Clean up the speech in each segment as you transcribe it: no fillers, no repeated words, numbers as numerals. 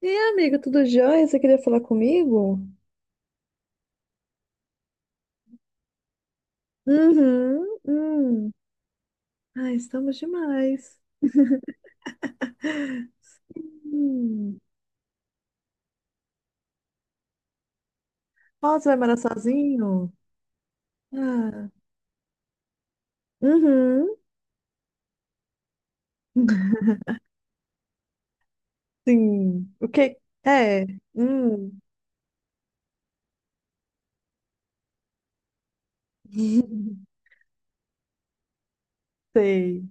E aí, amiga, tudo jóia? Você queria falar comigo? Uhum. Ai, estamos demais. Hum. Ó, você vai morar sozinho? Ah. Uhum. Sim. O que? É. Hum. Sei.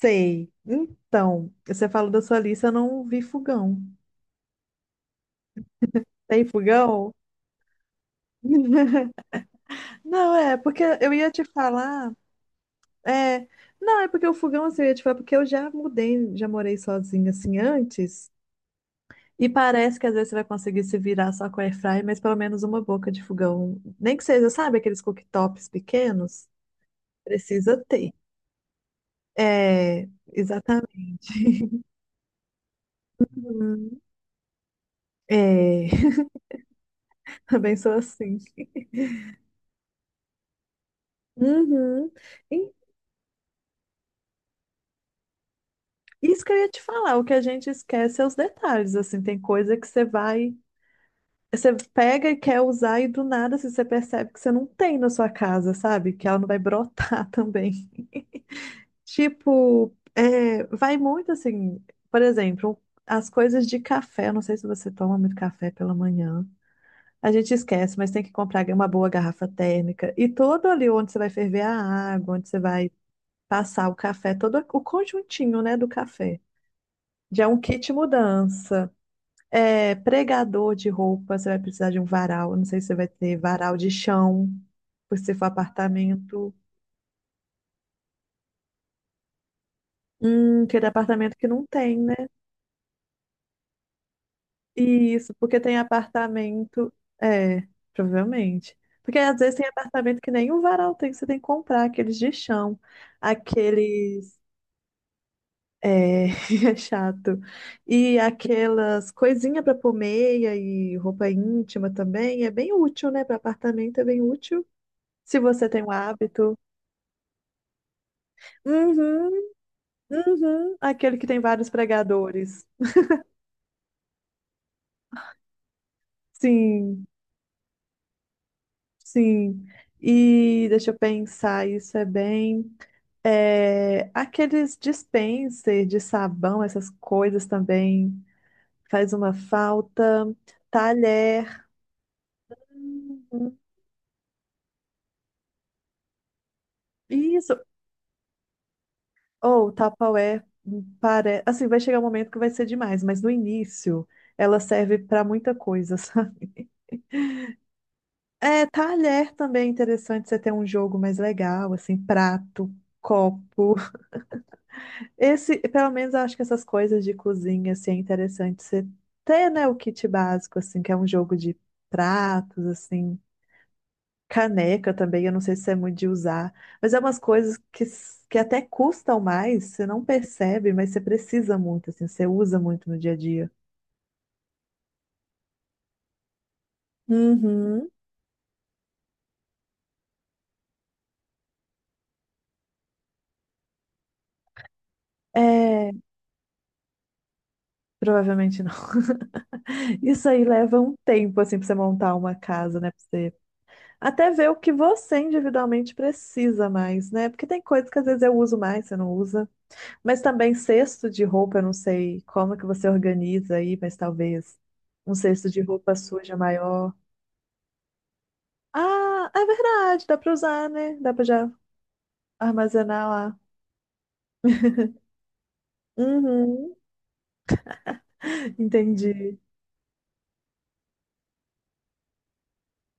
Sei. Então, você falou da sua lista, eu não vi fogão. Tem fogão? Não, é, porque eu ia te falar. É, não, é porque o fogão, assim, eu ia te falar, porque eu já mudei, já morei sozinha, assim, antes. E parece que às vezes você vai conseguir se virar só com air fry, mas pelo menos uma boca de fogão. Nem que seja, sabe, aqueles cooktops pequenos? Precisa ter. É, exatamente. Uhum. É, também sou assim. Uhum. E isso que eu ia te falar, o que a gente esquece é os detalhes, assim, tem coisa que você vai, você pega e quer usar e do nada, assim, você percebe que você não tem na sua casa, sabe? Que ela não vai brotar também. Tipo, é, vai muito assim, por exemplo, as coisas de café. Eu não sei se você toma muito café pela manhã. A gente esquece, mas tem que comprar uma boa garrafa térmica. E todo ali onde você vai ferver a água, onde você vai passar o café, todo o conjuntinho, né, do café. Já é um kit mudança. É, pregador de roupa, você vai precisar de um varal. Eu não sei se você vai ter varal de chão, se for apartamento. Aquele apartamento que não tem, né? Isso, porque tem apartamento. É, provavelmente. Porque às vezes tem apartamento que nem o varal tem, você tem que comprar aqueles de chão, aqueles. É, é chato. E aquelas coisinhas para pôr meia e roupa íntima também é bem útil, né? Para apartamento é bem útil, se você tem o hábito. Uhum, uhum. Aquele que tem vários pregadores. Sim, sim. E deixa eu pensar, isso é bem. É, aqueles dispenser de sabão, essas coisas também faz uma falta. Talher. Uhum. Isso. Ou Tupperware. Assim, vai chegar um momento que vai ser demais, mas no início ela serve para muita coisa, sabe? É, talher também é interessante você ter um jogo mais legal, assim, prato, copo. Esse, pelo menos eu acho que essas coisas de cozinha, assim, é interessante você ter, né, o kit básico, assim, que é um jogo de pratos, assim, caneca também, eu não sei se é muito de usar, mas é umas coisas que, que até custam mais, você não percebe, mas você precisa muito, assim, você usa muito no dia a dia. Uhum. É, provavelmente não. Isso aí leva um tempo, assim, pra você montar uma casa, né? Pra você até ver o que você individualmente precisa mais, né? Porque tem coisas que às vezes eu uso mais, você não usa. Mas também cesto de roupa, eu não sei como que você organiza aí, mas talvez um cesto de roupa suja maior. Ah, é verdade, dá para usar, né? Dá para já armazenar lá. Uhum, entendi.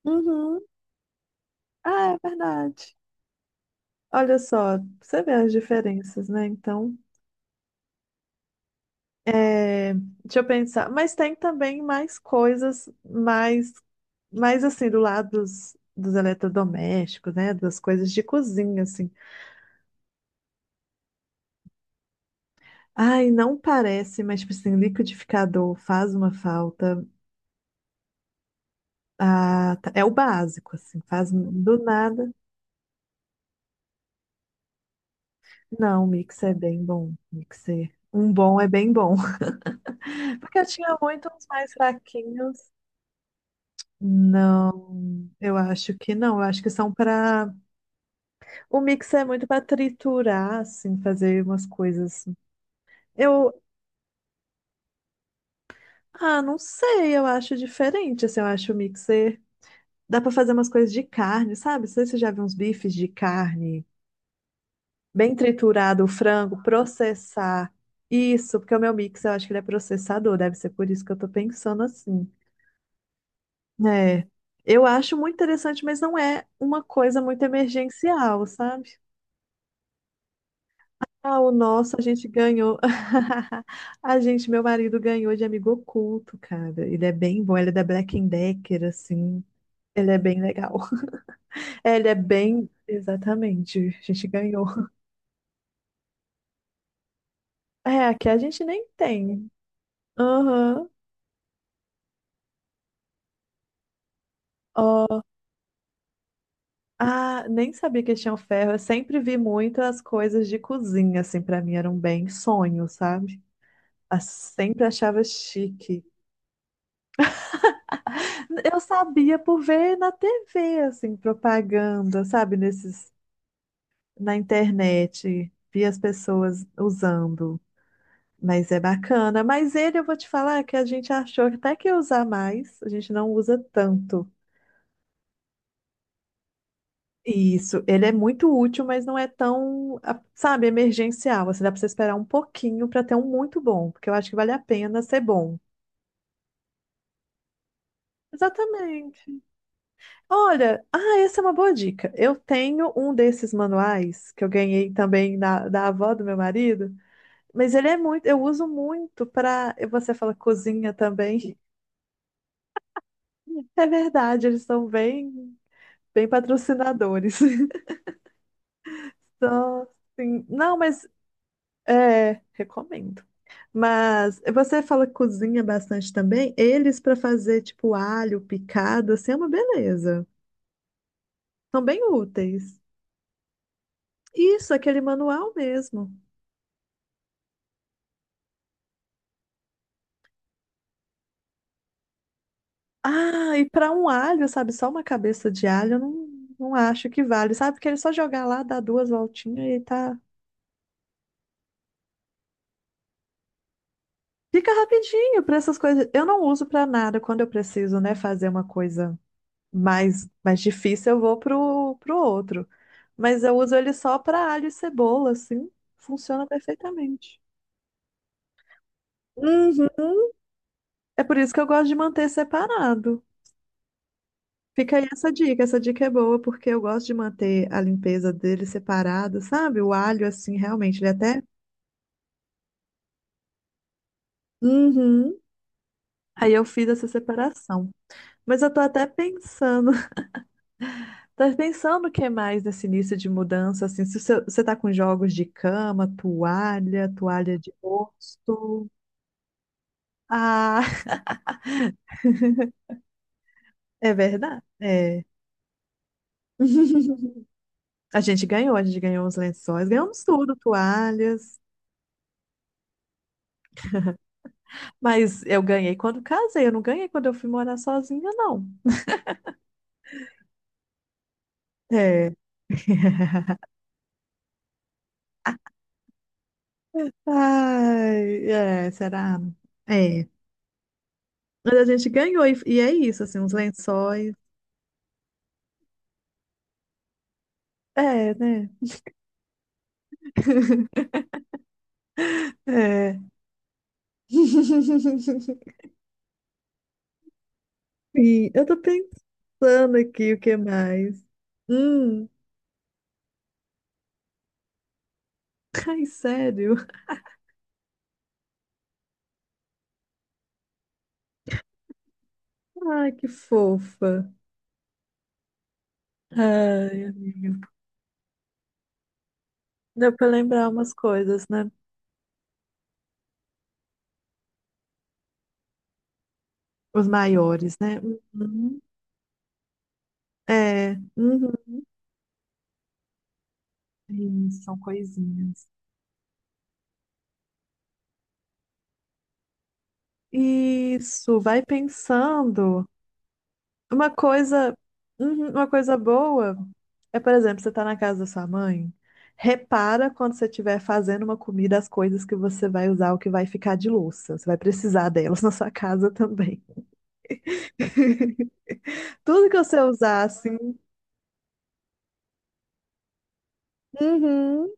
Uhum. Ah, é verdade. Olha só, você vê as diferenças, né? Então, é, deixa eu pensar. Mas tem também mais coisas, mais assim, do lado dos eletrodomésticos, né? Das coisas de cozinha, assim. Ai, não parece, mas, tipo assim, liquidificador faz uma falta. Ah, é o básico, assim, faz um, do nada. Não, mixer é bem bom. Mixer. Um bom é bem bom. Porque eu tinha muito uns mais fraquinhos. Não, eu acho que não. Eu acho que são para. O mixer é muito para triturar, assim, fazer umas coisas. Eu. Ah, não sei, eu acho diferente, assim, eu acho o mixer. Dá para fazer umas coisas de carne, sabe? Não sei se você já viu uns bifes de carne. Bem triturado o frango, processar isso, porque o meu mix eu acho que ele é processador, deve ser por isso que eu tô pensando assim. É, eu acho muito interessante, mas não é uma coisa muito emergencial, sabe? Ah, o nosso a gente ganhou. Meu marido ganhou de amigo oculto, cara. Ele é bem bom, ele é da Black and Decker, assim. Ele é bem legal. É, ele é bem. Exatamente, a gente ganhou. É, aqui a gente nem tem. Aham. Ah, nem sabia que tinha o ferro. Eu sempre vi muitas coisas de cozinha, assim, pra mim eram bem sonho, sabe? Ah, sempre achava chique. Eu sabia por ver na TV, assim, propaganda, sabe? Nesses, na internet, vi as pessoas usando. Mas é bacana. Mas ele, eu vou te falar que a gente achou que até que ia usar mais, a gente não usa tanto. Isso, ele é muito útil, mas não é tão, sabe, emergencial. Assim, dá para você esperar um pouquinho para ter um muito bom, porque eu acho que vale a pena ser bom. Exatamente. Olha, ah, essa é uma boa dica. Eu tenho um desses manuais que eu ganhei também da avó do meu marido, mas ele é muito, eu uso muito para, você fala cozinha também. É verdade, eles são bem, bem patrocinadores. Só, sim. Não, mas é, recomendo. Mas você fala que cozinha bastante também. Eles para fazer tipo alho picado, assim é uma beleza. São bem úteis. Isso, aquele manual mesmo. Ah, e para um alho, sabe, só uma cabeça de alho, eu não acho que vale, sabe? Porque ele só jogar lá, dá duas voltinhas e tá. Fica rapidinho para essas coisas. Eu não uso para nada quando eu preciso, né, fazer uma coisa mais difícil, eu vou pro outro. Mas eu uso ele só para alho e cebola, assim. Funciona perfeitamente. Uhum. É por isso que eu gosto de manter separado. Fica aí essa dica. Essa dica é boa, porque eu gosto de manter a limpeza dele separado, sabe? O alho, assim, realmente, ele é até. Uhum. Aí eu fiz essa separação. Mas eu tô até pensando. Tá pensando o que mais nesse início de mudança, assim, se você tá com jogos de cama, toalha, toalha de rosto. Ah, é verdade? É. A gente ganhou uns lençóis, ganhamos tudo, toalhas. Mas eu ganhei quando casei, eu não ganhei quando eu fui morar sozinha, não. É. Ai, é, será? É. Mas a gente ganhou, e é isso, assim, uns lençóis. É, né? É. Sim, eu tô pensando aqui o que mais. Hum, ai, sério? Ai, que fofa. Ai, amiga. Deu pra lembrar umas coisas, né? Os maiores, né? Uhum. É, uhum. Sim, são coisinhas. Isso, vai pensando. Uma coisa, uhum, uma coisa boa é, por exemplo, você tá na casa da sua mãe, repara quando você estiver fazendo uma comida as coisas que você vai usar, o que vai ficar de louça. Você vai precisar delas na sua casa também. Tudo que você usar, assim, uhum,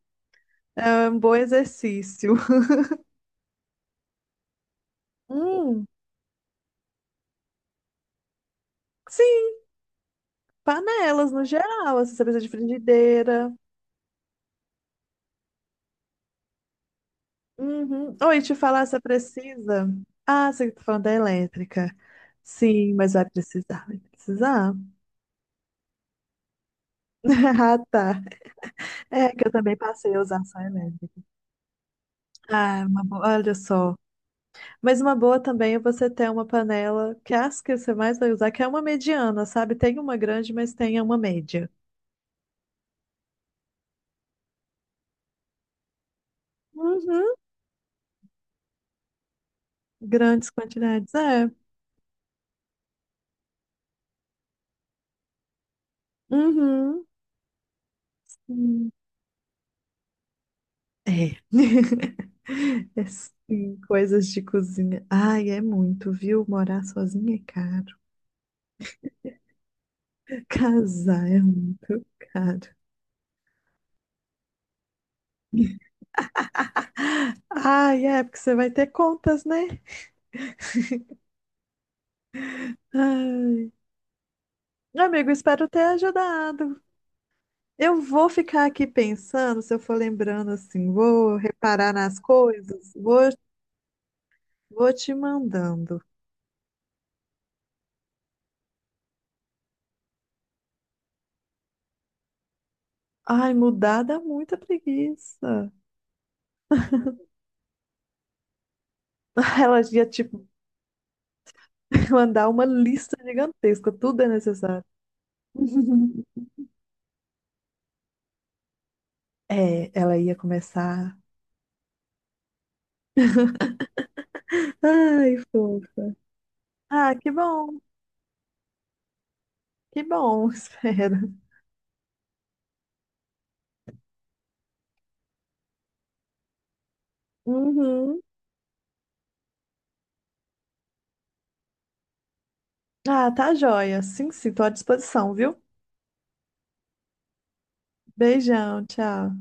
é um bom exercício. Hum, sim, panelas no geral, assim, você precisa de frigideira. Uhum. Oi, te falar, você precisa. Ah, você tá falando da elétrica. Sim, mas vai precisar, vai precisar. Ah, tá. É que eu também passei a usar só elétrica. Ah, uma boa, olha só. Mas uma boa também é você ter uma panela, que é as que você mais vai usar, que é uma mediana, sabe? Tem uma grande, mas tem uma média. Uhum. Grandes quantidades, é. Uhum. Hum. É. É sim, coisas de cozinha. Ai, é muito, viu? Morar sozinha é caro. Casar é muito caro. Ai, é, porque você vai ter contas, né? Ah, meu amigo, espero ter ajudado. Eu vou ficar aqui pensando, se eu for lembrando assim, vou reparar nas coisas, vou te mandando. Ai, mudar dá muita preguiça. Ela ia te mandar uma lista gigantesca, tudo é necessário. É, ela ia começar. Ai, fofo. Ah, que bom, espero. Uhum. Ah, tá joia. Sim, sim, tô à disposição, viu? Beijão, tchau.